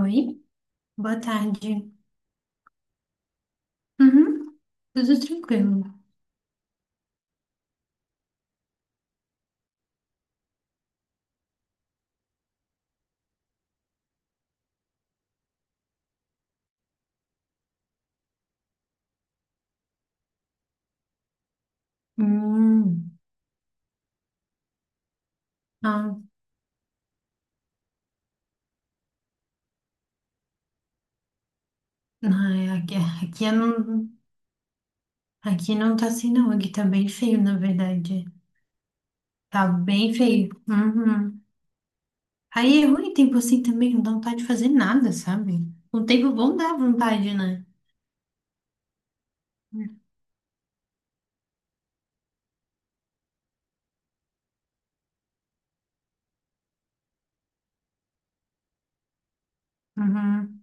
Oi, boa tarde. Uhum, tudo tranquilo. Hum, ah, não, é, aqui, eu não, aqui não tá assim não, aqui tá bem feio, na verdade. Tá bem feio. Uhum. Aí é ruim tempo assim também, não dá vontade de fazer nada, sabe? Um tempo bom dá vontade, né? Uhum.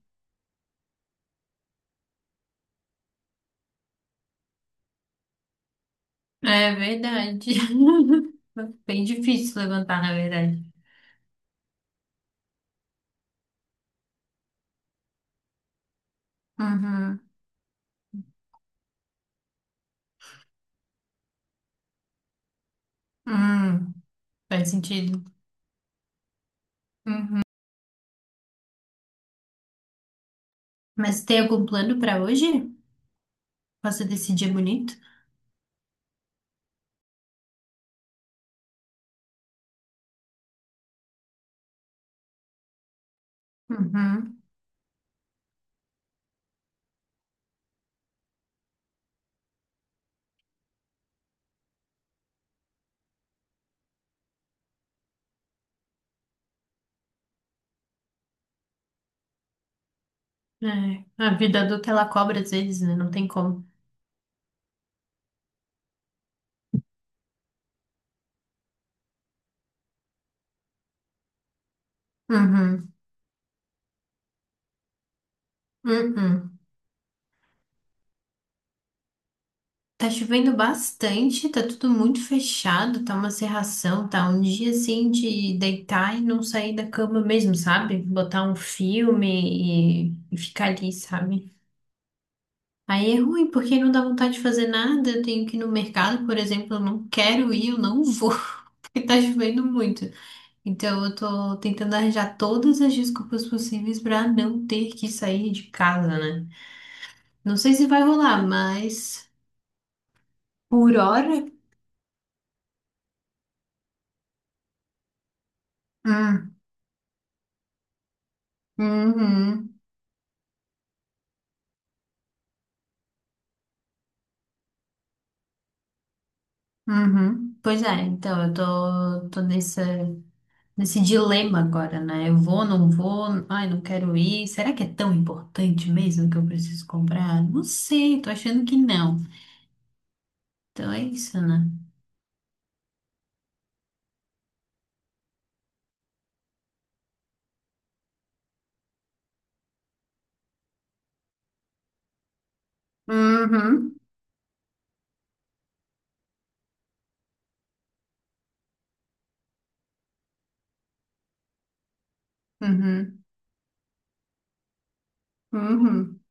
É verdade. Bem difícil levantar, na verdade. Uhum. Hum, faz sentido. Uhum. Mas tem algum plano pra hoje? Você decidir é bonito. Uhum. É. A vida adulta ela cobra às vezes, né? Não tem como. Uhum. Uhum. Tá chovendo bastante, tá tudo muito fechado, tá uma cerração, tá um dia assim de deitar e não sair da cama mesmo, sabe? Botar um filme e ficar ali, sabe? Aí é ruim, porque não dá vontade de fazer nada. Eu tenho que ir no mercado, por exemplo, eu não quero ir, eu não vou, porque tá chovendo muito. Então, eu tô tentando arranjar todas as desculpas possíveis pra não ter que sair de casa, né? Não sei se vai rolar, mas por hora. Hum, uhum, uhum. Pois é, então eu tô nessa, nesse dilema agora, né? Eu vou, não vou, ai, não quero ir. Será que é tão importante mesmo que eu preciso comprar? Não sei, tô achando que não. Então é isso, né? Uhum, uhum, uhum,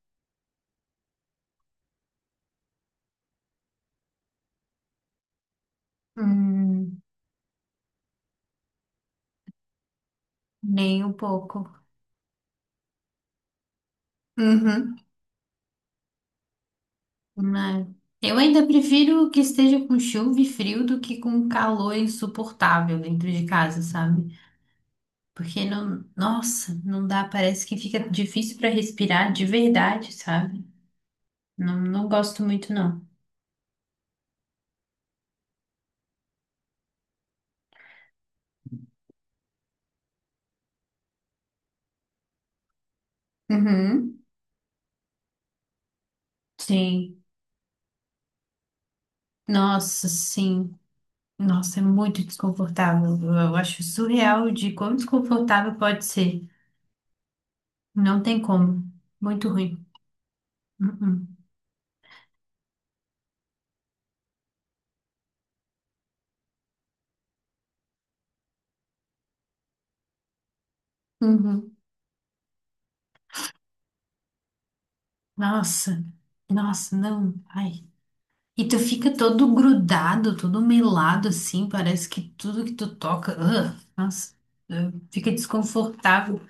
uhum. Nem um pouco. Uhum. Né? Eu ainda prefiro que esteja com chuva e frio do que com calor insuportável dentro de casa, sabe? Porque não, nossa, não dá, parece que fica difícil para respirar de verdade, sabe? Não, não gosto muito, não. Uhum. Sim. Nossa, sim. Nossa, é muito desconfortável. Eu acho surreal de quão desconfortável pode ser. Não tem como. Muito ruim. Uhum. Uhum. Nossa, nossa, não. Ai. E tu fica todo grudado, todo melado assim, parece que tudo que tu toca, ugh, nossa, fica desconfortável.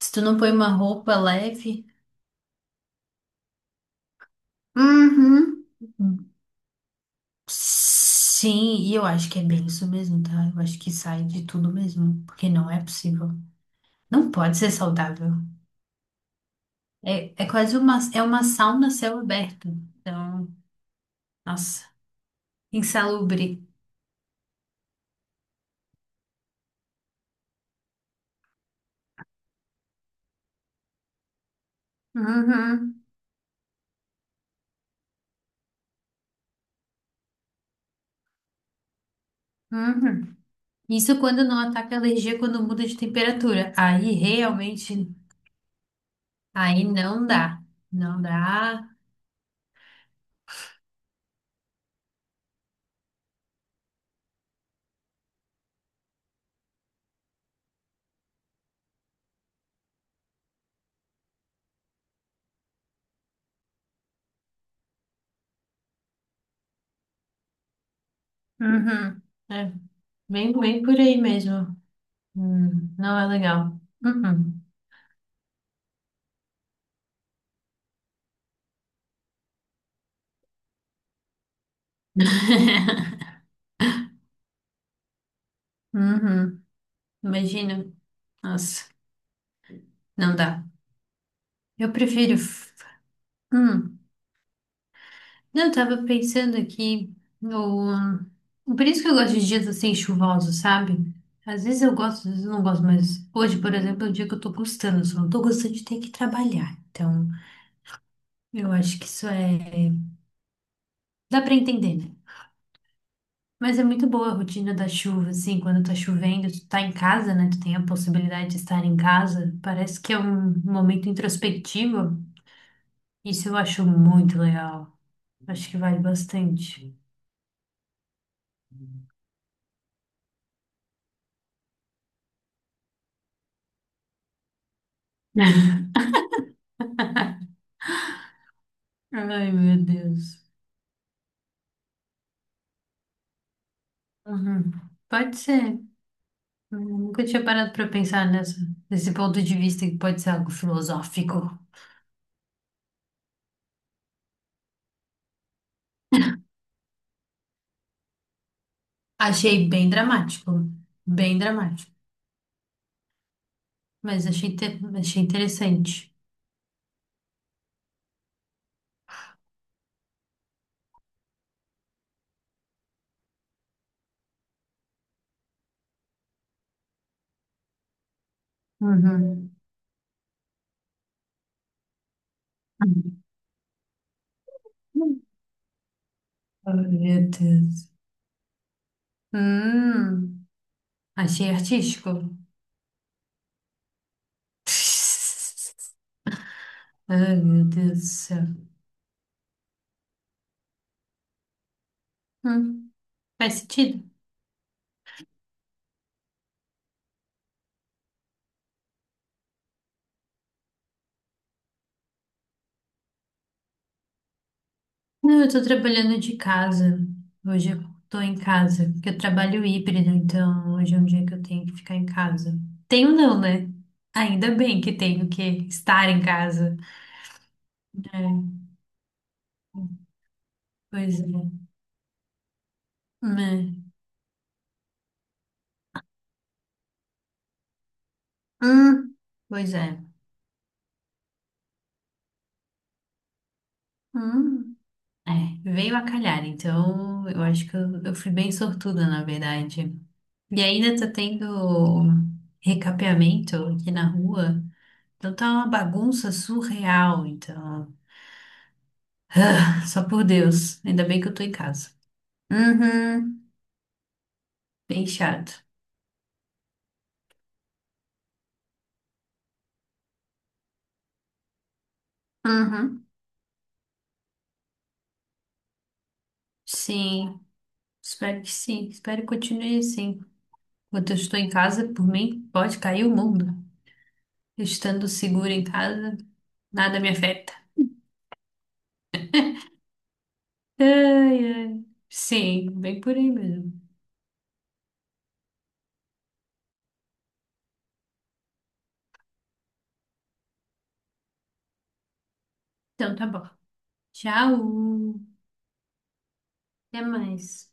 Se tu não põe uma roupa leve. Uhum. Sim, e eu acho que é bem isso mesmo, tá? Eu acho que sai de tudo mesmo, porque não é possível. Não pode ser saudável. É, é quase uma, é uma sauna a céu aberto. Então, nossa, insalubre. Uhum, uhum. Isso quando não ataca a alergia quando muda de temperatura. Aí realmente, aí não dá. Não dá. Uhum. É, bem, bem por aí mesmo. Não é legal. Uhum. Uhum. Imagina. Nossa, não dá. Eu prefiro. F- Hum. Não, eu tava pensando aqui no. Por isso que eu gosto de dias assim chuvosos, sabe? Às vezes eu gosto, às vezes eu não gosto, mas hoje, por exemplo, é um dia que eu tô gostando, só não tô gostando de ter que trabalhar. Então, eu acho que isso é. Dá pra entender, né? Mas é muito boa a rotina da chuva, assim, quando tá chovendo, tu tá em casa, né? Tu tem a possibilidade de estar em casa. Parece que é um momento introspectivo. Isso eu acho muito legal. Acho que vale bastante. Ai, meu Deus. Uhum. Pode ser. Eu nunca tinha parado para pensar nessa, nesse ponto de vista que pode ser algo filosófico. Achei bem dramático, mas achei, achei interessante. Uhum. Ai, meu Deus. Hum, achei artístico. Ai, meu Deus do céu. Hum, faz sentido. Não, eu tô trabalhando de casa. Hoje eu tô em casa, porque eu trabalho híbrido, então hoje é um dia que eu tenho que ficar em casa. Tenho não, né? Ainda bem que tenho que estar em casa. É, pois é. Né? Hum, pois é. Hum. É, veio a calhar, então eu acho que eu fui bem sortuda, na verdade. E ainda tá tendo recapeamento aqui na rua, então tá uma bagunça surreal, então. Só por Deus. Ainda bem que eu tô em casa. Uhum. Bem chato. Uhum. Sim. Espero que sim. Espero que continue assim. Enquanto eu estou em casa, por mim, pode cair o mundo. Estando seguro em casa, nada me afeta. Ai, ai. Sim, bem por aí mesmo. Então tá bom. Tchau. Até mais.